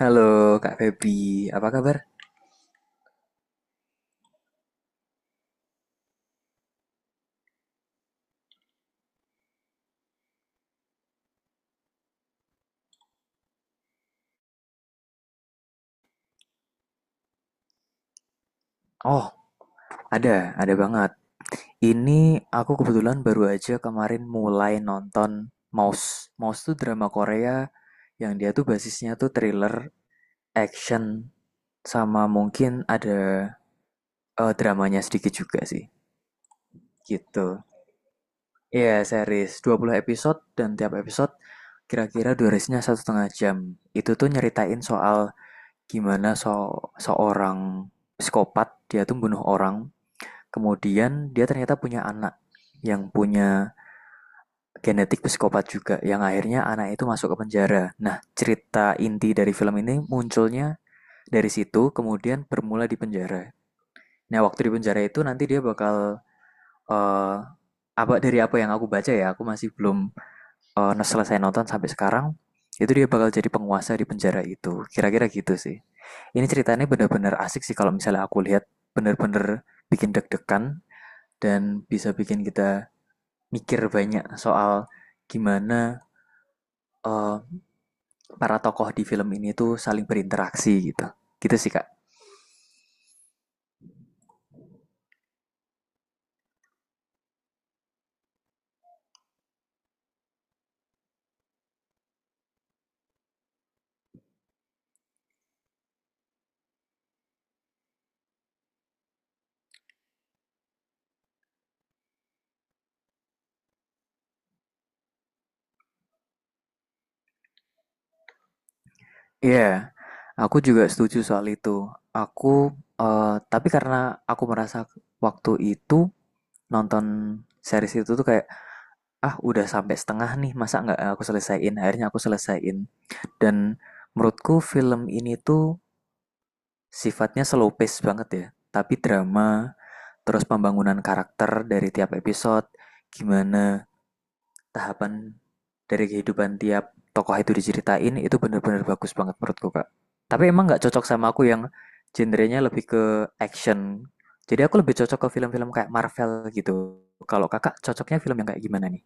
Halo Kak Febri, apa kabar? Oh, ada banget. Ini aku kebetulan baru aja kemarin mulai nonton Mouse. Mouse tuh drama Korea yang dia tuh basisnya tuh thriller, action, sama mungkin ada dramanya sedikit juga sih. Gitu. Iya, series 20 episode dan tiap episode kira-kira durasinya 1,5 jam. Itu tuh nyeritain soal gimana seorang psikopat dia tuh bunuh orang. Kemudian dia ternyata punya anak yang punya genetik psikopat juga, yang akhirnya anak itu masuk ke penjara. Nah, cerita inti dari film ini munculnya dari situ, kemudian bermula di penjara. Nah, waktu di penjara itu nanti dia bakal, eh, apa dari apa yang aku baca ya, aku masih belum selesai nonton sampai sekarang. Itu dia bakal jadi penguasa di penjara itu. Kira-kira gitu sih. Ini ceritanya benar-benar asik sih kalau misalnya aku lihat, benar-benar bikin deg-degan dan bisa bikin kita mikir banyak soal gimana eh, para tokoh di film ini tuh saling berinteraksi gitu. Gitu sih, Kak. Iya, yeah, aku juga setuju soal itu. Aku, tapi karena aku merasa waktu itu nonton series itu tuh kayak, ah udah sampai setengah nih, masa nggak aku selesaiin? Akhirnya aku selesaiin. Dan menurutku film ini tuh sifatnya slow pace banget ya. Tapi drama, terus pembangunan karakter dari tiap episode, gimana tahapan dari kehidupan tiap tokoh itu diceritain, itu benar-benar bagus banget menurutku Kak. Tapi emang nggak cocok sama aku yang genrenya lebih ke action, jadi aku lebih cocok ke film-film kayak Marvel gitu. Kalau kakak cocoknya film yang kayak gimana nih?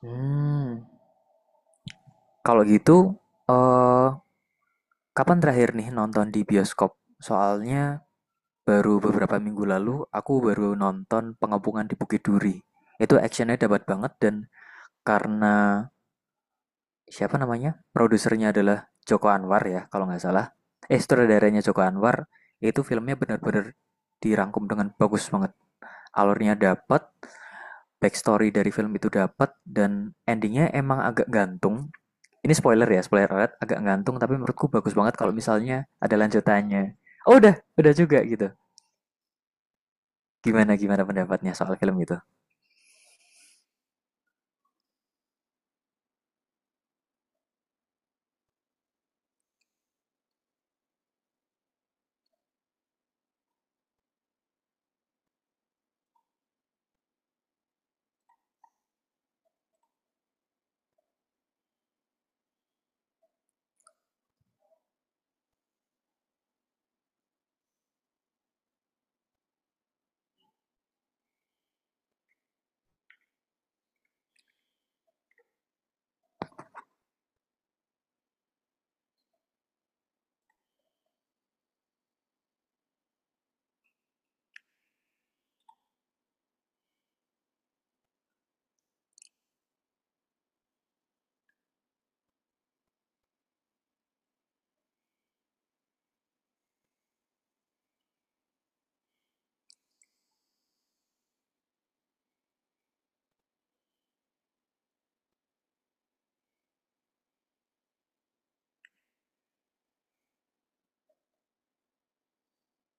Hmm, kalau gitu, eh kapan terakhir nih nonton di bioskop? Soalnya baru beberapa minggu lalu aku baru nonton Pengepungan di Bukit Duri. Itu actionnya dapat banget, dan karena, siapa namanya? Produsernya adalah Joko Anwar ya, kalau nggak salah. Eh, sutradaranya Joko Anwar, itu filmnya benar-benar dirangkum dengan bagus banget. Alurnya dapat, backstory dari film itu dapat, dan endingnya emang agak gantung. Ini spoiler ya, spoiler alert, agak gantung, tapi menurutku bagus banget kalau misalnya ada lanjutannya. Oh, udah juga gitu. Gimana, gimana pendapatnya soal film itu?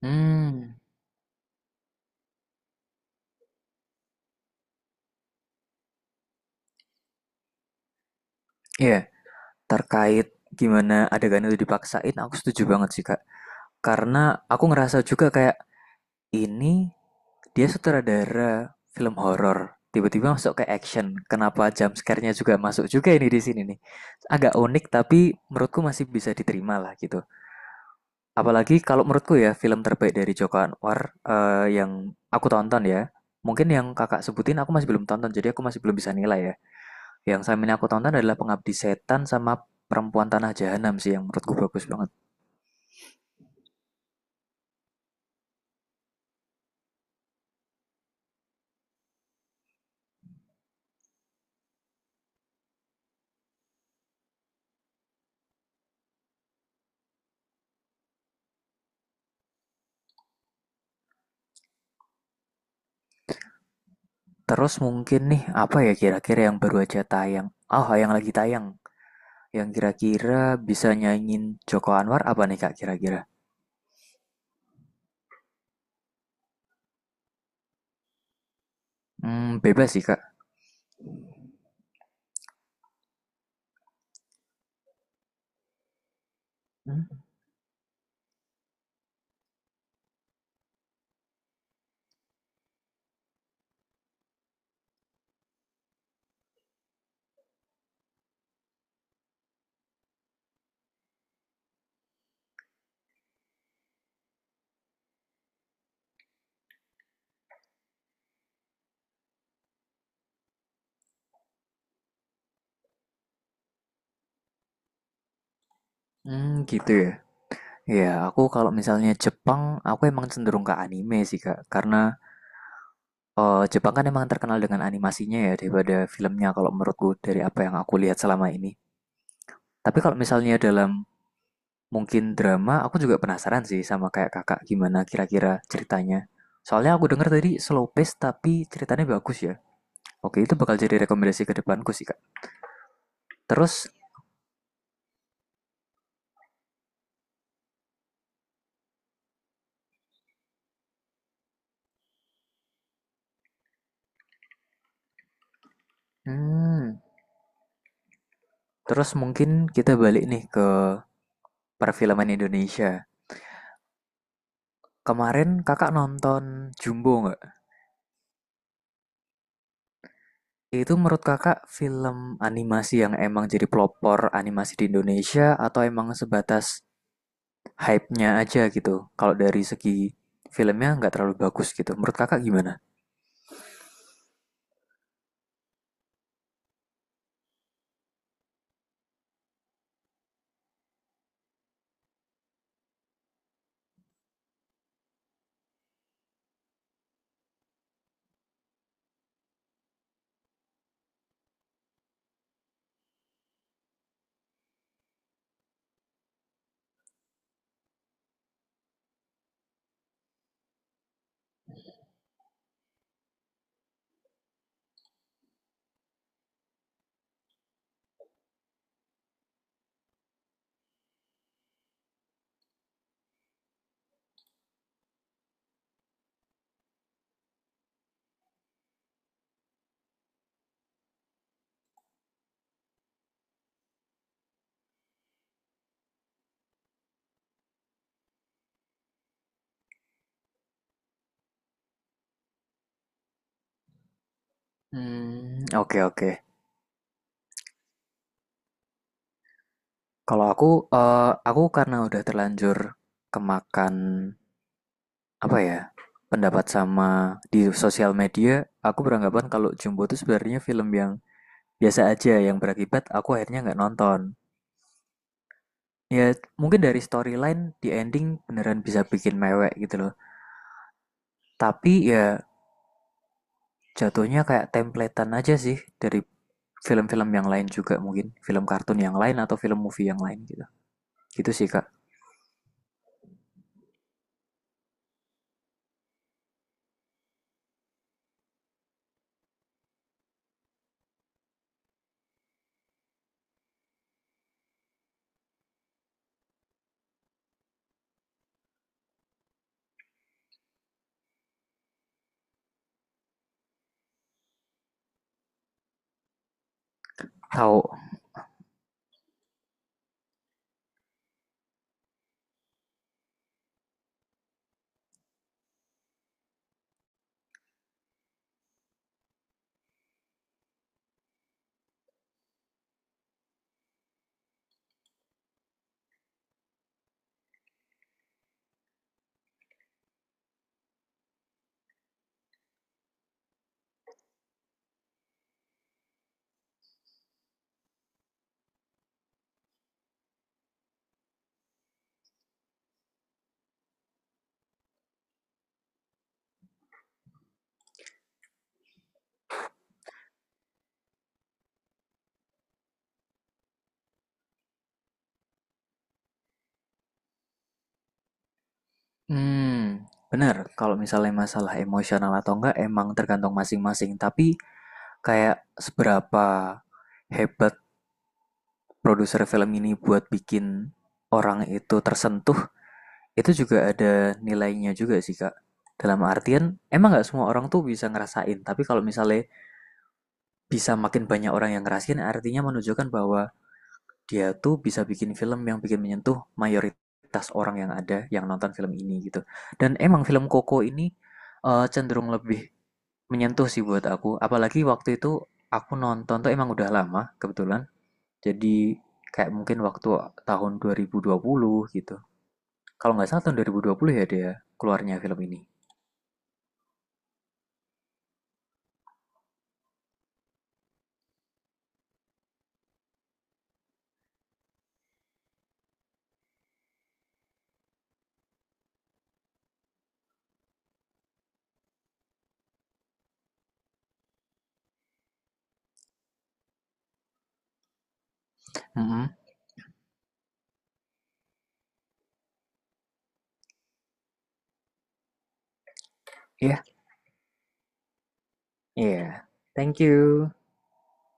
Hmm, iya, yeah, terkait gimana adegan itu dipaksain, aku setuju banget sih, Kak. Karena aku ngerasa juga kayak, ini, dia sutradara film horor, tiba-tiba masuk ke action. Kenapa jump scare-nya juga masuk juga ini di sini nih. Agak unik tapi menurutku masih bisa diterima lah gitu. Apalagi kalau menurutku ya film terbaik dari Joko Anwar, yang aku tonton ya. Mungkin yang kakak sebutin aku masih belum tonton, jadi aku masih belum bisa nilai ya. Yang selama ini aku tonton adalah Pengabdi Setan sama Perempuan Tanah Jahanam sih yang menurutku bagus banget. Terus mungkin nih apa ya kira-kira yang baru aja tayang? Oh, yang lagi tayang, yang kira-kira bisa nyanyiin Joko Anwar apa nih Kak kira-kira? Hmm, bebas sih Kak. Hmm, hmm, gitu ya. Ya, aku kalau misalnya Jepang, aku emang cenderung ke anime sih Kak. Karena, Jepang kan emang terkenal dengan animasinya ya daripada filmnya kalau menurutku dari apa yang aku lihat selama ini. Tapi kalau misalnya dalam mungkin drama, aku juga penasaran sih sama kayak kakak gimana kira-kira ceritanya. Soalnya aku dengar tadi slow pace tapi ceritanya bagus ya. Oke, itu bakal jadi rekomendasi ke depanku sih Kak. Terus, hmm, terus mungkin kita balik nih ke perfilman Indonesia. Kemarin kakak nonton Jumbo nggak? Itu menurut kakak film animasi yang emang jadi pelopor animasi di Indonesia, atau emang sebatas hype-nya aja gitu? Kalau dari segi filmnya nggak terlalu bagus gitu. Menurut kakak gimana? Hmm, oke oke. Kalau aku, aku karena udah terlanjur kemakan, apa ya, pendapat sama di sosial media, aku beranggapan kalau Jumbo itu sebenarnya film yang biasa aja yang berakibat aku akhirnya nggak nonton. Ya mungkin dari storyline di ending beneran bisa bikin mewek gitu loh, tapi ya jatuhnya kayak templatean aja sih dari film-film yang lain juga, mungkin film kartun yang lain atau film movie yang lain gitu. Gitu sih Kak. Tahu. Hmm, bener kalau misalnya masalah emosional atau enggak emang tergantung masing-masing, tapi kayak seberapa hebat produser film ini buat bikin orang itu tersentuh, itu juga ada nilainya juga sih Kak. Dalam artian emang nggak semua orang tuh bisa ngerasain, tapi kalau misalnya bisa makin banyak orang yang ngerasain, artinya menunjukkan bahwa dia tuh bisa bikin film yang bikin menyentuh mayoritas orang yang ada yang nonton film ini gitu. Dan emang film Koko ini cenderung lebih menyentuh sih buat aku. Apalagi waktu itu aku nonton tuh emang udah lama kebetulan. Jadi kayak mungkin waktu tahun 2020 gitu. Kalau nggak salah tahun 2020 ya dia keluarnya film ini. Mm-mm. Iya, mm-hmm. Yeah. Iya. Yeah. Thank you.